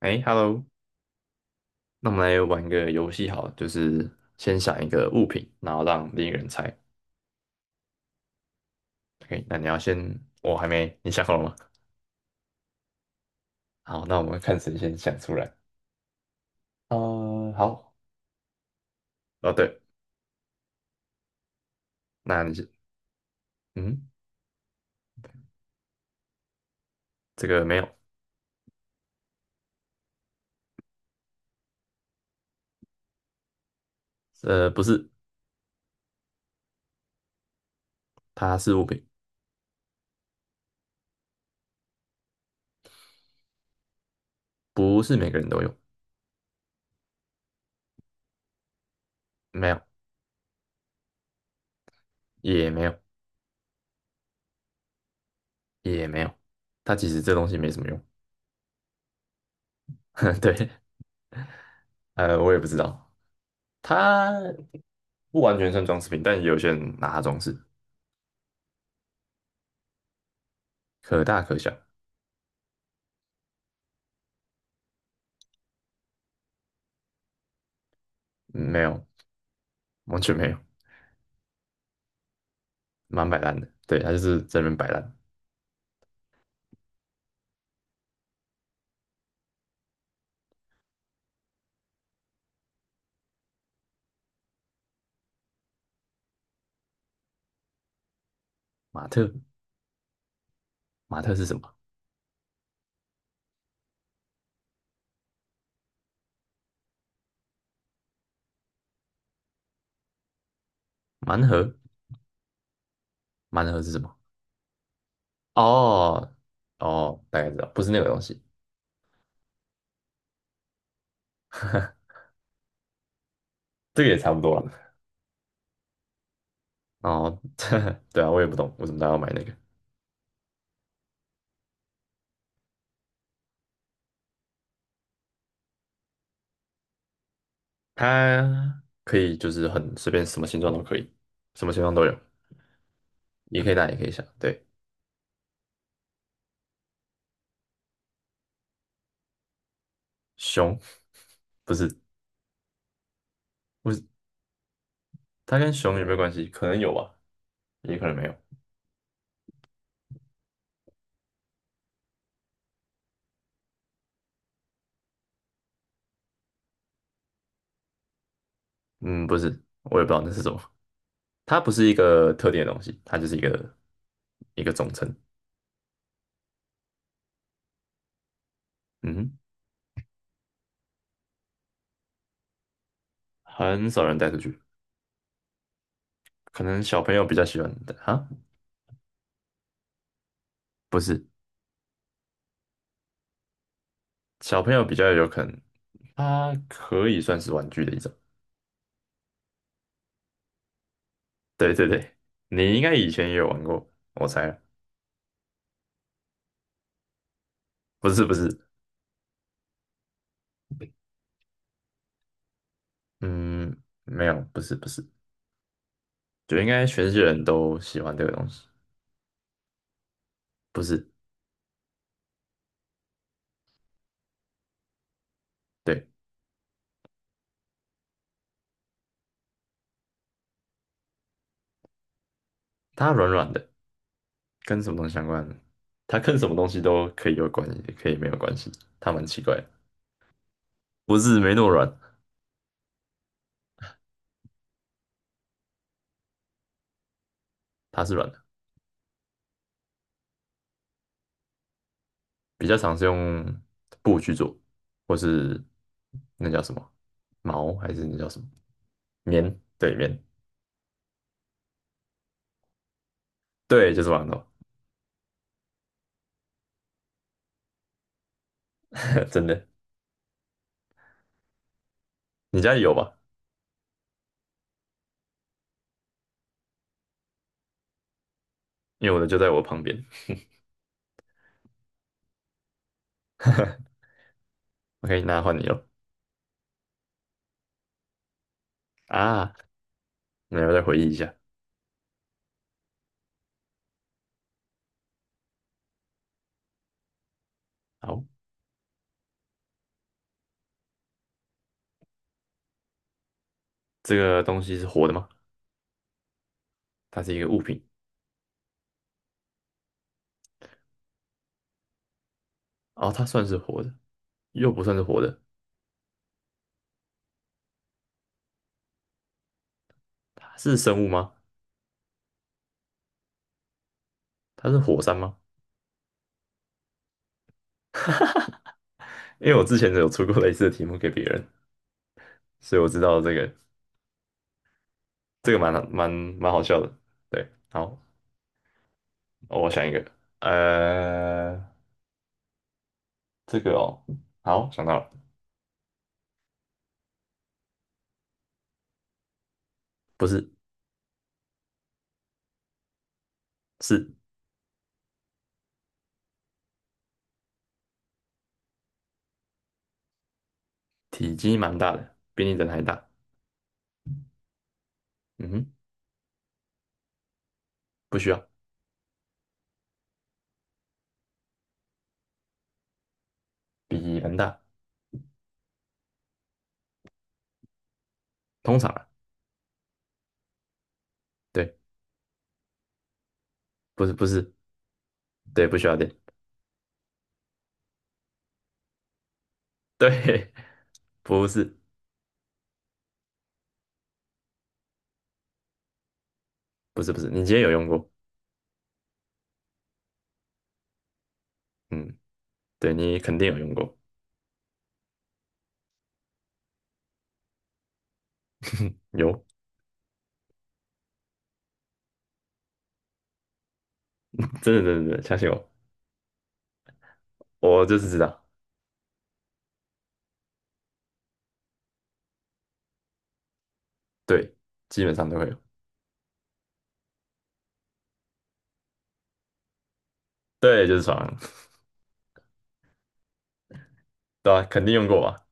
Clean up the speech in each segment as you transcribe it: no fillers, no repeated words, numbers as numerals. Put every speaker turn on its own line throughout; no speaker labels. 哎，Hello，那我们来玩个游戏好了，就是先想一个物品，然后让另一个人猜。OK，那你要先，我还没，你想好了吗？好，那我们看谁先想出来。好，哦对，那你是，嗯，这个没有，不是，它是物品，不是每个人都有，没有，也没有，也没有，它其实这东西没什么用。对，我也不知道，它不完全算装饰品，但也有些人拿它装饰，可大可小，没有，完全没有。蛮摆烂的。对，他就是在那边摆烂。马特，马特是什么？盲盒，盲盒是什么？哦，哦，大概知道，不是那个东西。这个也差不多了。哦，对啊，我也不懂为什么大家要买那个。它可以就是很随便，什么形状都可以，什么形状都有，也可以大也可以小。对，熊不是，不是，它跟熊有没有关系？可能有吧，也可能没有。嗯，不是，我也不知道那是什么。它不是一个特定的东西，它就是一个总称。嗯哼，很少人带出去，可能小朋友比较喜欢带哈，不是，小朋友比较有可能，它可以算是玩具的一种。对对对，你应该以前也有玩过，我猜。不是不是，嗯，没有，不是不是，就应该全世界人都喜欢这个东西，不是，对，它软软的，跟什么东西相关的？它跟什么东西都可以有关系，也可以没有关系。它蛮奇怪的，不是没那么软，它是软的，比较常是用布去做，或是那叫什么毛，还是那叫什么棉？对，棉，对，就是馒头，真的。你家里有吧？因为我的就在我旁边。OK，那换你了。啊，那要再回忆一下。好，这个东西是活的吗？它是一个物品，哦，它算是活的，又不算是活的。它是生物吗？它是火山吗？因为我之前有出过类似的题目给别人，所以我知道这个。这个蛮好，蛮好笑的。对，好，哦我想一个，呃，这个哦，好，想到了，不是，是。体积蛮大的，比你人还大。嗯哼，不需要，比人大，通常啊，对，不是不是，对，不需要电，对，不是不是不是，你今天有用过，嗯，对你肯定有用过，有，真的真的真的，相信我，我就是知道，对，基本上都会有，对，就是床。对啊，肯定用过吧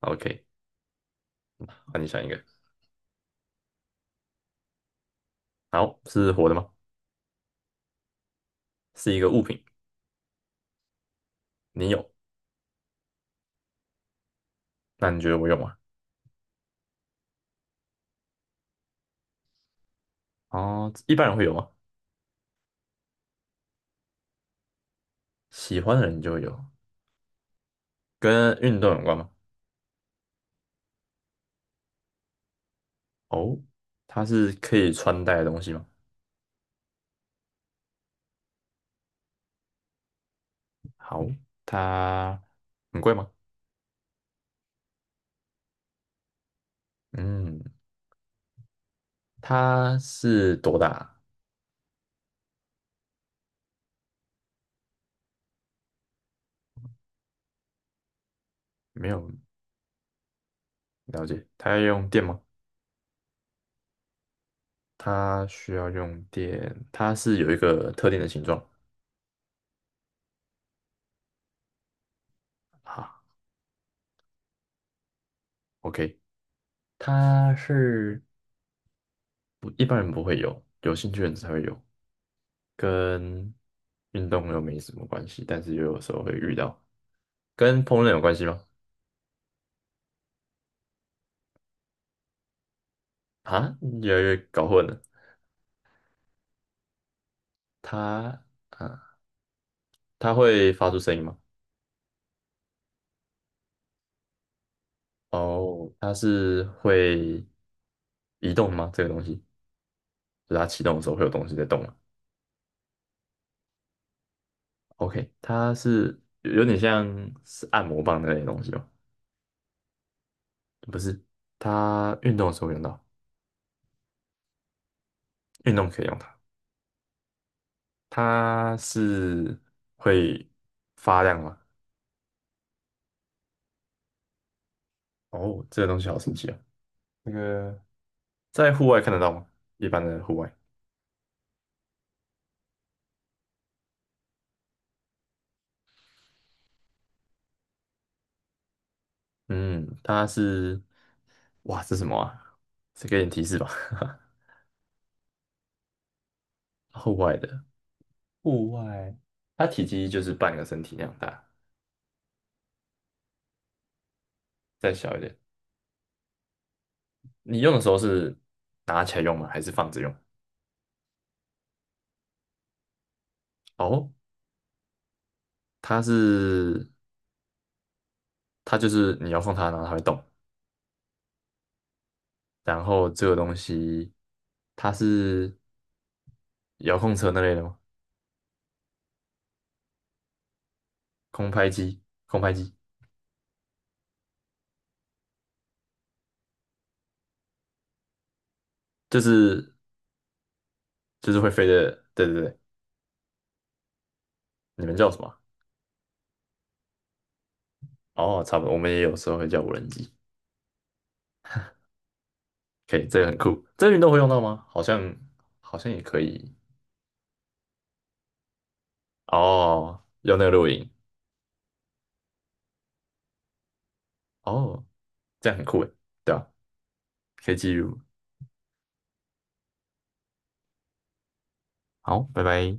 ？OK，那你想一个，好，是活的吗？是一个物品，你有，那你觉得我有吗？哦，一般人会有吗？喜欢的人就会有，跟运动有关吗？哦，它是可以穿戴的东西吗？好，它很贵吗？嗯，它是多大？没有了解，它要用电吗？它需要用电，它是有一个特定的形状啊。OK，它是不，一般人不会有，有兴趣的人才会有，跟运动又没什么关系，但是又有时候会遇到，跟烹饪有关系吗？啊，越来越搞混了。它啊，它会发出声音吗？哦，它是会移动吗？这个东西，就是它启动的时候会有东西在动吗？OK，它是有有点像是按摩棒那类的东西吗？不是，它运动的时候会用到，运动可以用它。它是会发亮吗？哦，这个东西好神奇啊！那个在户外看得到吗？一般的户外，嗯，它是，哇，这是什么啊？再给点提示吧。户外的，户外，它体积就是半个身体那样大，再小一点。你用的时候是拿起来用吗？还是放着用？哦，它是，它就是你遥控它，然后它会动。然后这个东西，它是遥控车那类的吗？空拍机，空拍机就是，会飞的，对对对，你们叫什么啊，哦，差不多，我们也有时候会叫无人机。可以，这个很酷。这个运动会用到吗？好像好像也可以。哦，用那个录影，哦，这样很酷诶，对吧？可以记录。好，拜拜。